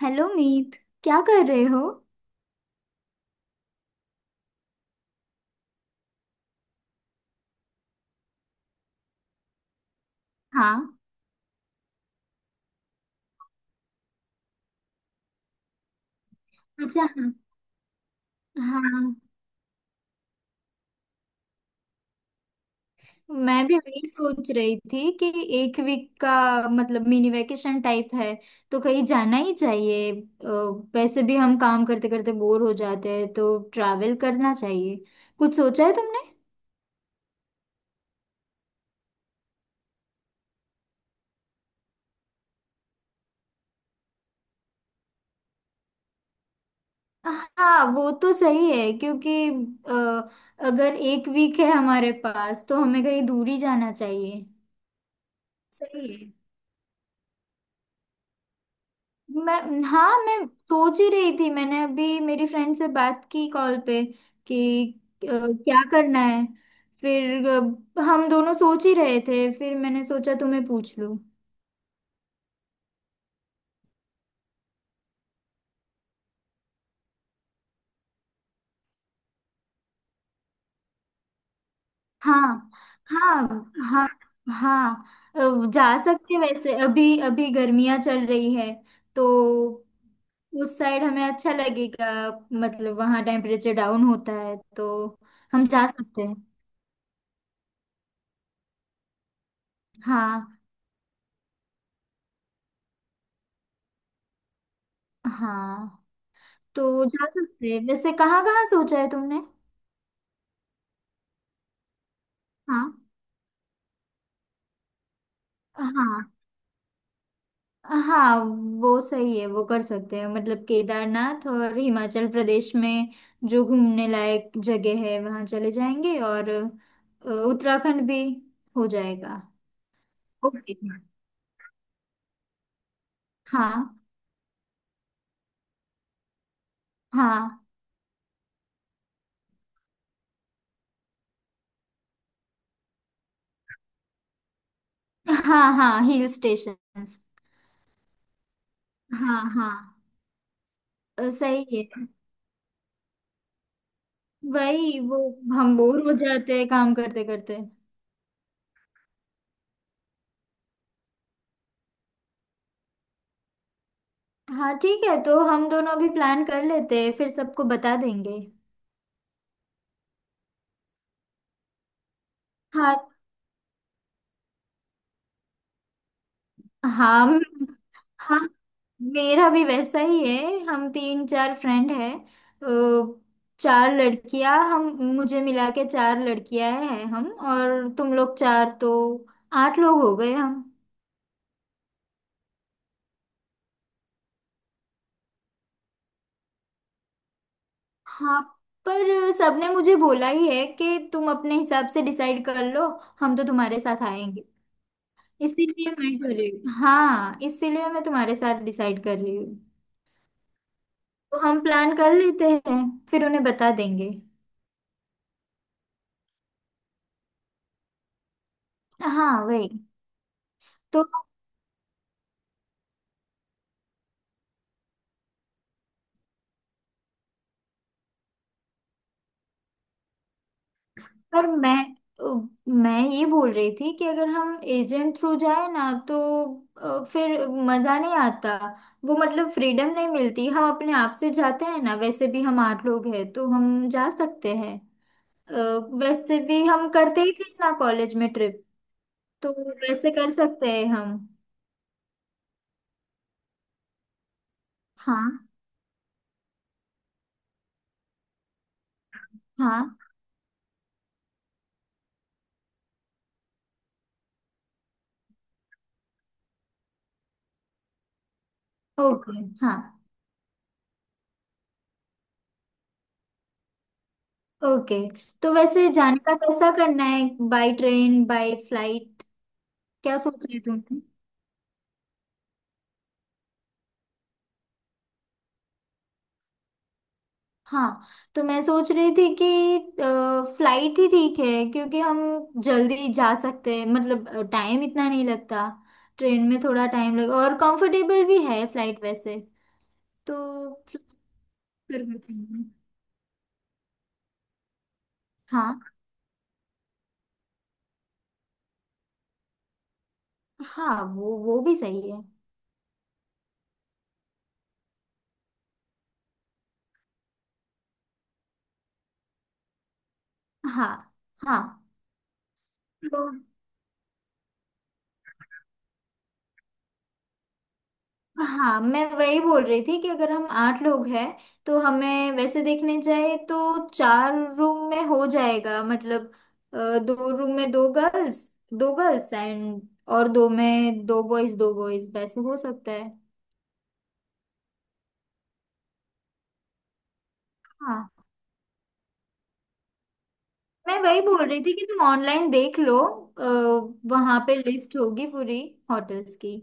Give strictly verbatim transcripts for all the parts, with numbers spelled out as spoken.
Hello Meet. क्या कर रहे हो? हाँ। अच्छा, हाँ। हाँ, मैं भी वही सोच रही थी कि एक वीक का मतलब मिनी वेकेशन टाइप है, तो कहीं जाना ही चाहिए। अ, वैसे भी हम काम करते करते बोर हो जाते हैं तो ट्रैवल करना चाहिए। कुछ सोचा है तुमने? हाँ वो तो सही है क्योंकि अ, अगर एक वीक है हमारे पास तो हमें कहीं दूर ही जाना चाहिए। सही है। मैं हाँ, मैं सोच ही रही थी, मैंने अभी मेरी फ्रेंड से बात की कॉल पे कि अ, क्या करना है। फिर अ, हम दोनों सोच ही रहे थे, फिर मैंने सोचा तुम्हें पूछ लूं। हाँ। हाँ। हाँ। हाँ। अ, जा सकते हैं वैसे, अभी अभी गर्मियाँ चल रही है तो उस साइड हमें अच्छा लगेगा। मतलब वहाँ टेम्परेचर डाउन होता है तो हम जा सकते हैं। हाँ। हाँ, तो जा सकते हैं। वैसे कहाँ कहाँ सोचा है तुमने? हाँ। हाँ। हाँ वो सही है, वो कर सकते हैं। मतलब केदारनाथ और हिमाचल प्रदेश में जो घूमने लायक जगह है वहाँ चले जाएंगे, और अ, उत्तराखंड भी हो जाएगा। ओके। हाँ। हाँ। हाँ। हाँ, हिल स्टेशन। हाँ हाँ। अ, सही है। वही वो, हम बोर हो जाते हैं काम करते करते। हाँ ठीक है, तो हम दोनों अभी प्लान कर लेते हैं फिर सबको बता देंगे। हाँ। हाँ। म- हाँ, मेरा भी वैसा ही है, हम तीन चार फ्रेंड हैं। तो चार लड़कियां हम, मुझे मिला के चार लड़कियां हैं हम, और तुम लोग चार, तो आठ लोग हो गए हम। हाँ। पर सबने मुझे बोला ही है कि तुम अपने हिसाब से डिसाइड कर लो, हम तो तुम्हारे साथ आएंगे। इसीलिए मैं कर रही हूँ, हाँ इसीलिए मैं तुम्हारे साथ डिसाइड कर रही हूँ। तो हम प्लान कर लेते हैं फिर उन्हें बता देंगे। हाँ वही तो। पर मैं मैं ये बोल रही थी कि अगर हम एजेंट थ्रू जाए ना तो अ, फिर मज़ा नहीं आता। वो मतलब फ्रीडम नहीं मिलती, हम अपने आप से जाते हैं ना, वैसे भी हम आठ लोग हैं तो हम जा सकते हैं। अ, वैसे भी हम करते ही थे ना कॉलेज में ट्रिप। तो वैसे कर सकते हैं हम। हाँ। हाँ। ओके। हाँ। ओके, तो वैसे जाने का कैसा करना है? By train by flight? क्या सोच रहे थे तुम? हाँ, तो मैं सोच रही थी कि फ्लाइट ही ठीक है क्योंकि हम जल्दी जा सकते हैं, मतलब टाइम इतना नहीं लगता। ट्रेन में थोड़ा टाइम लगे, और कंफर्टेबल भी है फ्लाइट वैसे। तो फ्लाइट पर करते हैं। हाँ। हाँ, वो वो भी सही है। हाँ। हाँ। तो हाँ, मैं वही बोल रही थी कि अगर हम आठ लोग हैं तो हमें वैसे देखने जाए तो चार रूम में हो जाएगा। मतलब अ, दो रूम में दो गर्ल्स, दो गर्ल्स एंड, और दो में दो बॉयज, दो बॉयज वैसे हो सकता है। हाँ, मैं वही बोल रही थी कि तुम ऑनलाइन देख लो। अ, वहाँ पे लिस्ट होगी पूरी होटल्स की।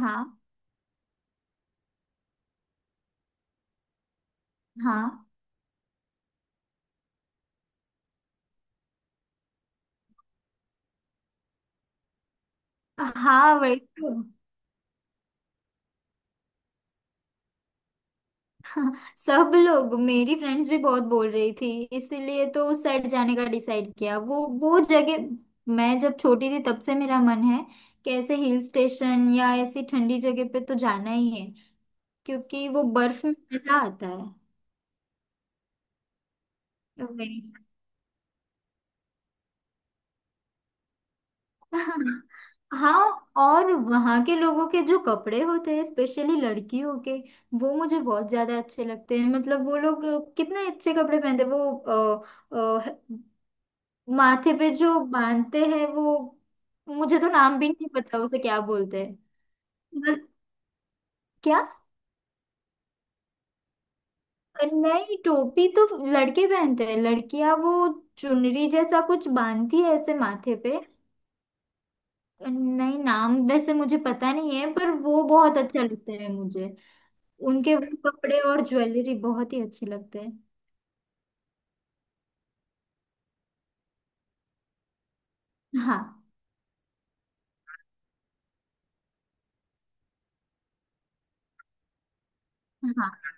हाँ। हाँ। हाँ वही तो। सब लोग, मेरी फ्रेंड्स भी बहुत बोल रही थी, इसीलिए तो उस साइड जाने का डिसाइड किया। वो वो जगह, मैं जब छोटी थी तब से मेरा मन है कि ऐसे हिल स्टेशन या ऐसी ठंडी जगह पे तो जाना ही है क्योंकि वो बर्फ में मजा आता है। वही। हाँ, और वहाँ के लोगों के जो कपड़े होते हैं स्पेशली लड़कियों के, वो मुझे बहुत ज्यादा अच्छे लगते हैं। मतलब वो लोग कितने अच्छे कपड़े पहनते हैं। वो माथे पे जो बांधते हैं, वो मुझे तो नाम भी नहीं पता उसे क्या बोलते हैं। मगर क्या? नहीं, टोपी तो लड़के पहनते हैं, लड़कियां वो चुनरी जैसा कुछ बांधती है ऐसे माथे पे। नहीं, नाम वैसे मुझे पता नहीं है पर वो बहुत अच्छा लगता है मुझे। उनके वो कपड़े और ज्वेलरी बहुत ही अच्छे लगते हैं। हाँ। हाँ।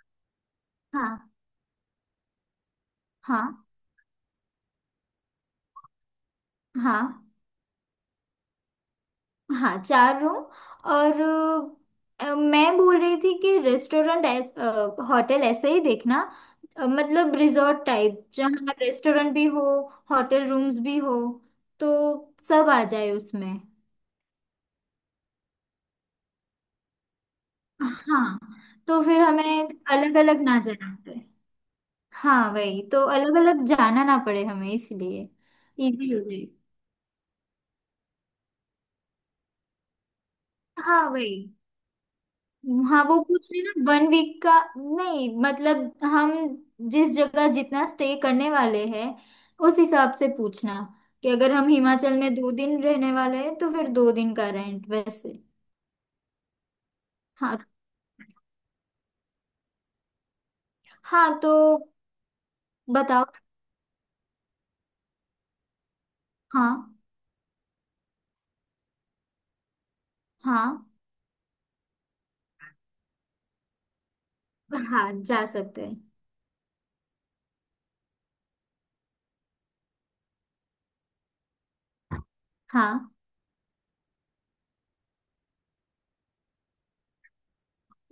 हाँ। हाँ। हाँ। हाँ, चार रूम, और अ, मैं बोल रही थी कि रेस्टोरेंट ऐस, अ, होटल ऐसे ही देखना। अ, मतलब रिजॉर्ट टाइप जहाँ रेस्टोरेंट भी हो, होटल रूम्स भी हो, तो सब आ जाए उसमें। हाँ तो फिर हमें अलग अलग ना जाना पड़े। हाँ वही तो, अलग अलग जाना ना पड़े हमें इसलिए इजी हो जाए। हाँ वही। हाँ, वो पूछ रही ना वन वीक का? नहीं, मतलब हम जिस जगह जितना स्टे करने वाले हैं उस हिसाब से पूछना। कि अगर हम हिमाचल में दो दिन रहने वाले हैं तो फिर दो दिन का रेंट वैसे। हाँ। हाँ, तो बताओ। हाँ। हाँ। हाँ, जा सकते हैं। हाँ,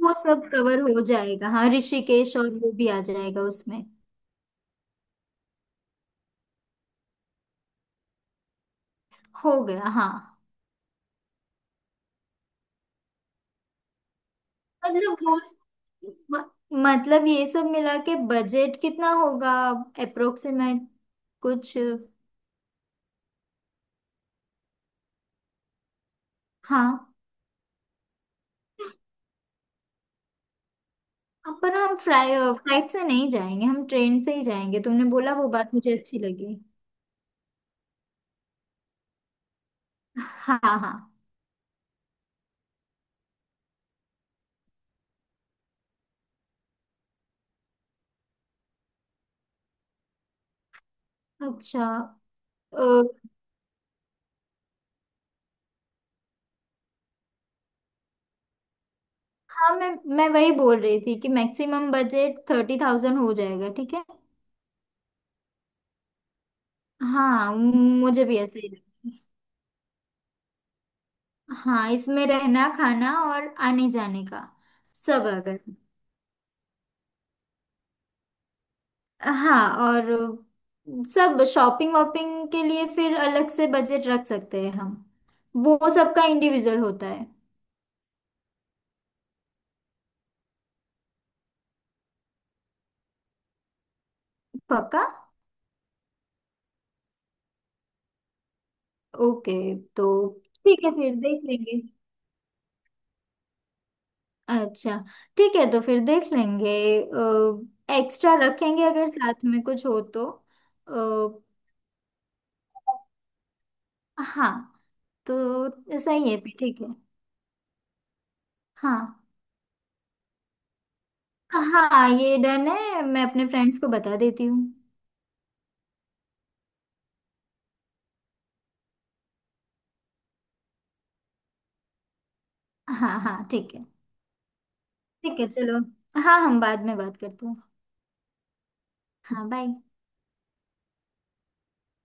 वो सब कवर हो जाएगा, हाँ ऋषिकेश और वो भी आ जाएगा उसमें। हो गया, हाँ। मतलब रोज, म- मतलब ये सब मिला के बजट कितना होगा, अप्रोक्सीमेट कुछ? हाँ, अब पर हम फ्लाइ फ्लाइट से नहीं जाएंगे, हम ट्रेन से ही जाएंगे, तुमने बोला वो बात मुझे अच्छी लगी। हाँ। हाँ। अच्छा। अ, हाँ, मैं मैं वही बोल रही थी कि मैक्सिमम बजट थर्टी थाउजेंड हो जाएगा, ठीक है। हाँ मुझे भी ऐसे ही लगा। हाँ, इसमें रहना खाना और आने जाने का सब आ गया। हाँ, और सब शॉपिंग वॉपिंग के लिए फिर अलग से बजट रख सकते हैं हम, वो सबका इंडिविजुअल होता है। पक्का? ओके तो ठीक है फिर देख लेंगे। अच्छा, ठीक है तो फिर देख लेंगे, एक्स्ट्रा रखेंगे अगर साथ में कुछ हो तो। अ, हाँ, तो सही है फिर ठीक है। हाँ। हाँ, ये डन है, मैं अपने फ्रेंड्स को बता देती हूँ। हाँ हाँ ठीक है। ठीक है चलो, हाँ हम बाद में बात करते हैं। हाँ बाय।